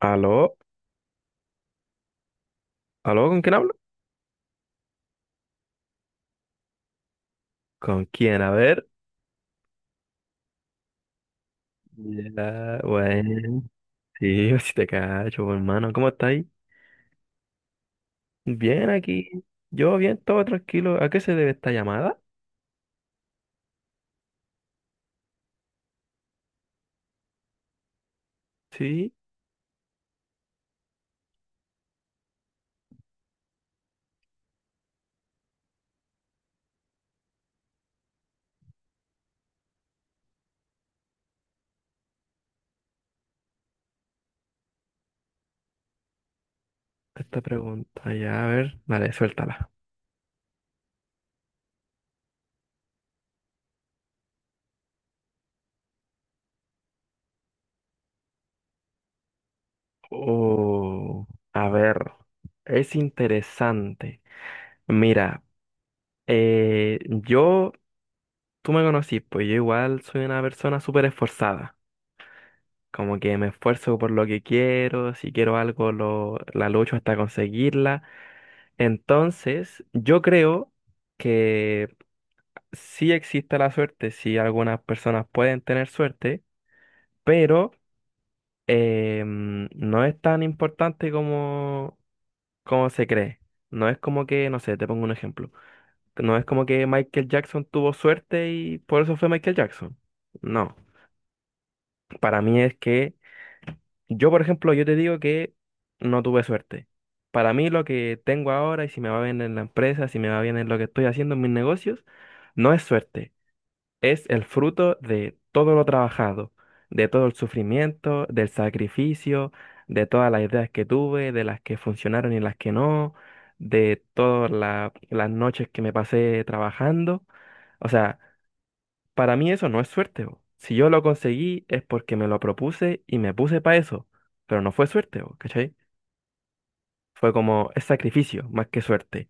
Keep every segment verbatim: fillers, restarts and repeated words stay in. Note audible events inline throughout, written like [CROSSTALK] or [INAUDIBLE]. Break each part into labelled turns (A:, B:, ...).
A: ¿Aló? ¿Aló? ¿Con quién hablo? ¿Con quién? A ver. Ya, bueno. Sí, [LAUGHS] si te cacho, pues, hermano. ¿Cómo estáis? Bien aquí. Yo bien, todo tranquilo. ¿A qué se debe esta llamada? Sí, esta pregunta. Ya, a ver. Vale, suéltala. Oh, a ver. Es interesante. Mira, eh, yo, tú me conocís, pues yo igual soy una persona súper esforzada. Como que me esfuerzo por lo que quiero, si quiero algo lo, la lucho hasta conseguirla. Entonces, yo creo que sí existe la suerte, sí algunas personas pueden tener suerte, pero eh, mm, no es tan importante como, como se cree. No es como que, no sé, te pongo un ejemplo. No es como que Michael Jackson tuvo suerte y por eso fue Michael Jackson. No, para mí es que yo, por ejemplo, yo te digo que no tuve suerte. Para mí lo que tengo ahora y si me va bien en la empresa, si me va bien en lo que estoy haciendo en mis negocios, no es suerte. Es el fruto de todo lo trabajado, de todo el sufrimiento, del sacrificio, de todas las ideas que tuve, de las que funcionaron y las que no, de todas la- las noches que me pasé trabajando. O sea, para mí eso no es suerte, bo. Si yo lo conseguí es porque me lo propuse y me puse para eso, pero no fue suerte, bo, ¿cachai? Fue como es sacrificio más que suerte.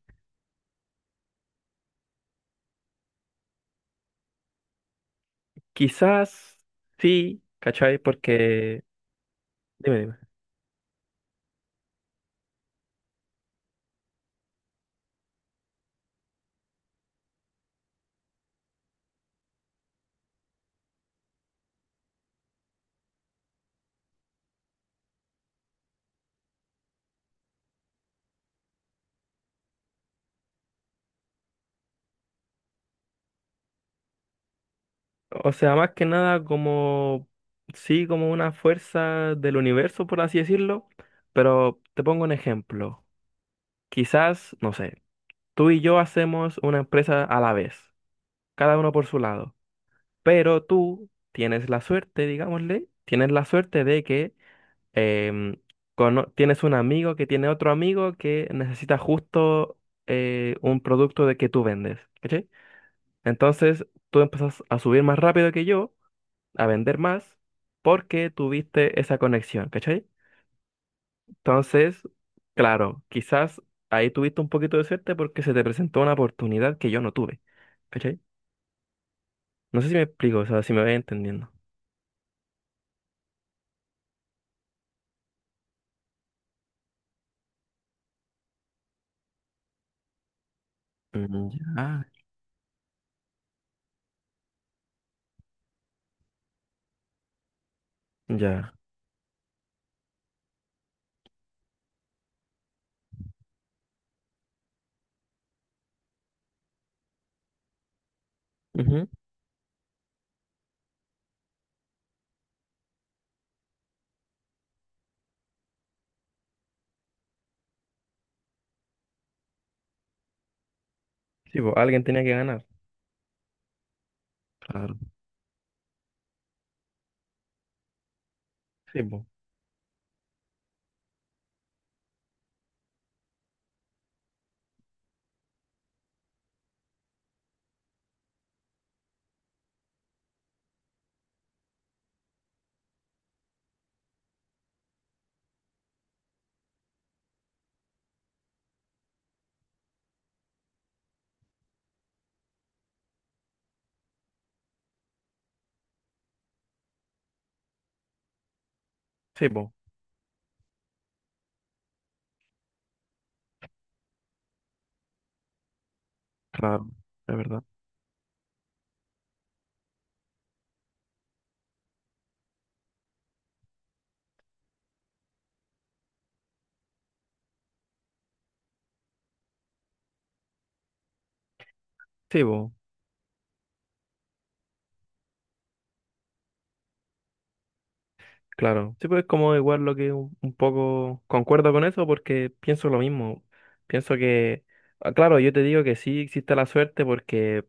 A: Quizás sí, ¿cachai? Porque... Dime, dime. O sea, más que nada como... Sí, como una fuerza del universo, por así decirlo, pero te pongo un ejemplo. Quizás, no sé, tú y yo hacemos una empresa a la vez, cada uno por su lado. Pero tú tienes la suerte, digámosle, tienes la suerte de que em, cono- tienes un amigo que tiene otro amigo que necesita justo eh, un producto de que tú vendes, ¿cachai? Entonces tú empezás a subir más rápido que yo, a vender más, porque tuviste esa conexión, ¿cachai? Entonces, claro, quizás ahí tuviste un poquito de suerte porque se te presentó una oportunidad que yo no tuve, ¿cachai? No sé si me explico, o sea, si me voy entendiendo. Mm. Ya. Ya. Ujú. Sí, po, alguien tenía que ganar. Claro. Sí, po. Sí, po, claro, es verdad. Sí, po, claro. Sí, pues es como igual lo que un, un poco concuerdo con eso porque pienso lo mismo. Pienso que, ah, claro, yo te digo que sí existe la suerte porque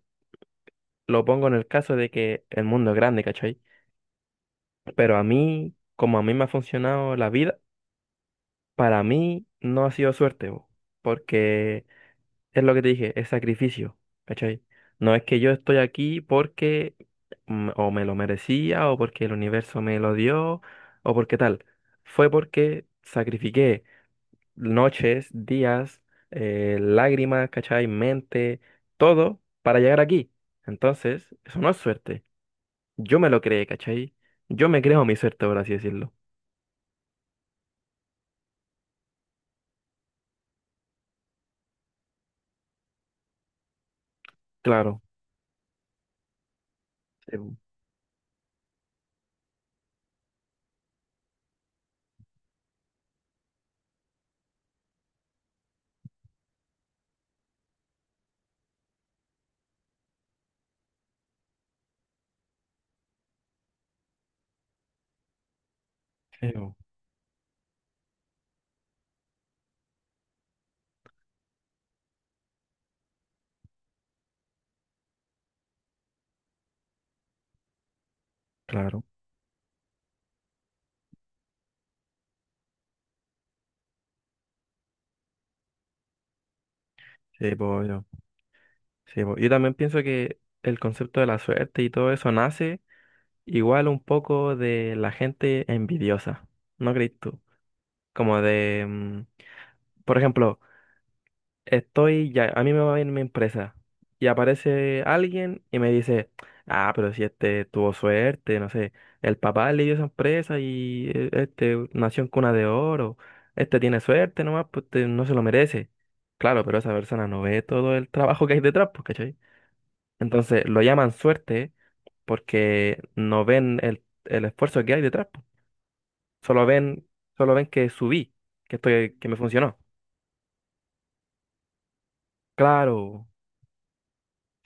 A: lo pongo en el caso de que el mundo es grande, ¿cachai? Pero a mí, como a mí me ha funcionado la vida, para mí no ha sido suerte, po, porque es lo que te dije, es sacrificio, ¿cachai? No es que yo estoy aquí porque mm, o me lo merecía, o porque el universo me lo dio, o porque tal. Fue porque sacrifiqué noches, días, eh, lágrimas, ¿cachai? Mente, todo para llegar aquí. Entonces, eso no es suerte. Yo me lo creé, ¿cachai? Yo me creo mi suerte, por así decirlo. Claro. Sí, bu. Sí, bu. Claro. Sí, po. Sí, po, yo también pienso que el concepto de la suerte y todo eso nace igual un poco de la gente envidiosa, ¿no crees tú? Como de, mm, por ejemplo, estoy ya, a mí me va bien mi empresa y aparece alguien y me dice, ah, pero si este tuvo suerte, no sé, el papá le dio esa empresa y eh, este nació en cuna de oro, este tiene suerte nomás, pues este no se lo merece. Claro, pero esa persona no ve todo el trabajo que hay detrás, pues, ¿cachai? Entonces lo llaman suerte porque no ven el, el esfuerzo que hay detrás. Po. Solo ven, solo ven que subí, que estoy, que me funcionó. Claro,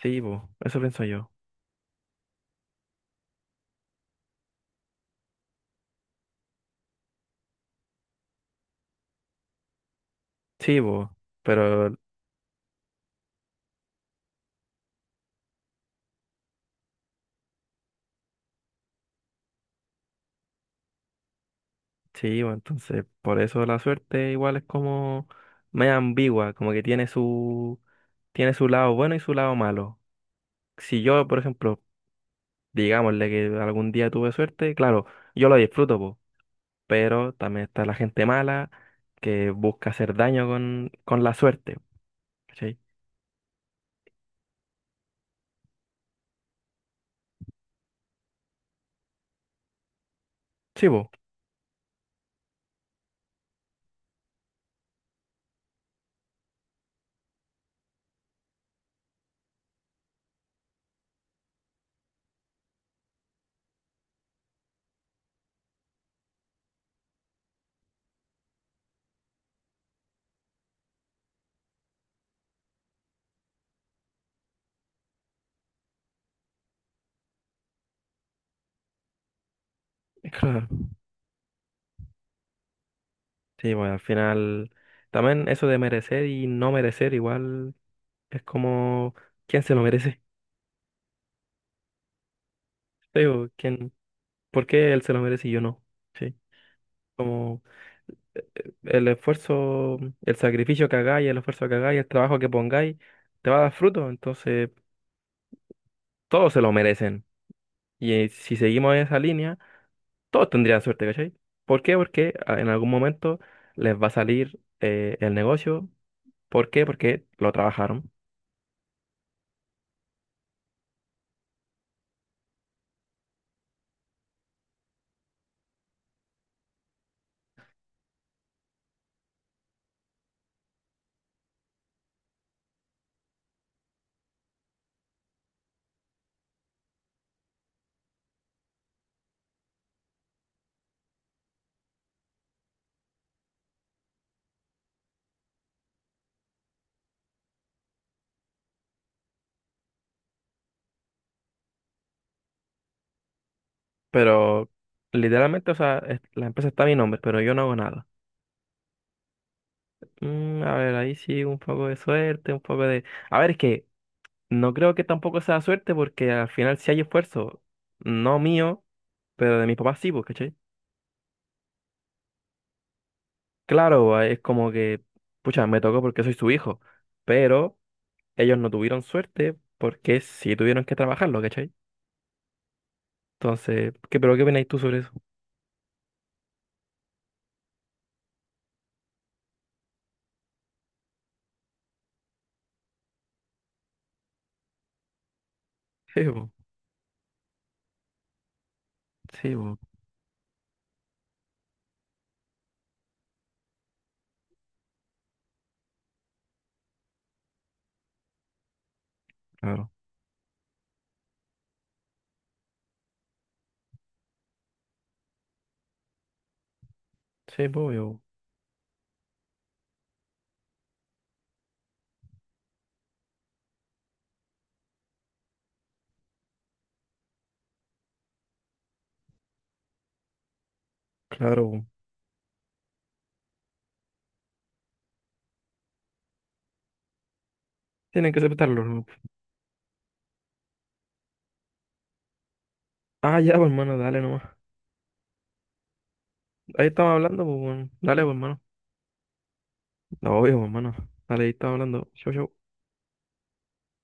A: sí, bo, eso pienso yo. Sí, bo, pero sí, bo, entonces por eso la suerte igual es como media ambigua, como que tiene su, tiene su lado bueno y su lado malo. Si yo, por ejemplo, digámosle que algún día tuve suerte, claro, yo lo disfruto, po, pero también está la gente mala que busca hacer daño con, con la suerte, ¿cachai? Sí, pues, claro. Sí, pues al final también eso de merecer y no merecer igual es como, ¿quién se lo merece? [LAUGHS] Sí, po, ¿quién? ¿Por qué él se lo merece y yo no? Sí, como el esfuerzo, el sacrificio que hagáis, el esfuerzo que hagáis, el trabajo que pongáis, te va a dar fruto, entonces todos se lo merecen. Y eh, si seguimos esa línea todos tendrían suerte, ¿cachai? ¿Por qué? Porque a- en algún momento les va a salir eh, el negocio. ¿Por qué? Porque lo trabajaron. Pero literalmente, o sea, es- la empresa está a mi nombre, pero yo no hago nada. Mm, a ver, ahí sí, un poco de suerte, un poco de... A ver, es que no creo que tampoco sea suerte porque al final sí hay esfuerzo, no mío, pero de mis papás sí, pues, ¿cachai? Claro, es como que, pucha, me tocó porque soy su hijo, pero ellos no tuvieron suerte porque sí tuvieron que trabajarlo, ¿cachai? Entonces, ¿qué, pero qué opináis tú sobre eso? Sí, bo, sí, bo, claro. Sí, pues, obvio, claro, po. Tienen que aceptarlo, ¿no? Ah, ya, pues, hermano, dale nomás. Ahí estamos hablando, pues, weón. Dale, pues, hermano. No obvio, bo, hermano. Dale, ahí estamos hablando. Chau, chau.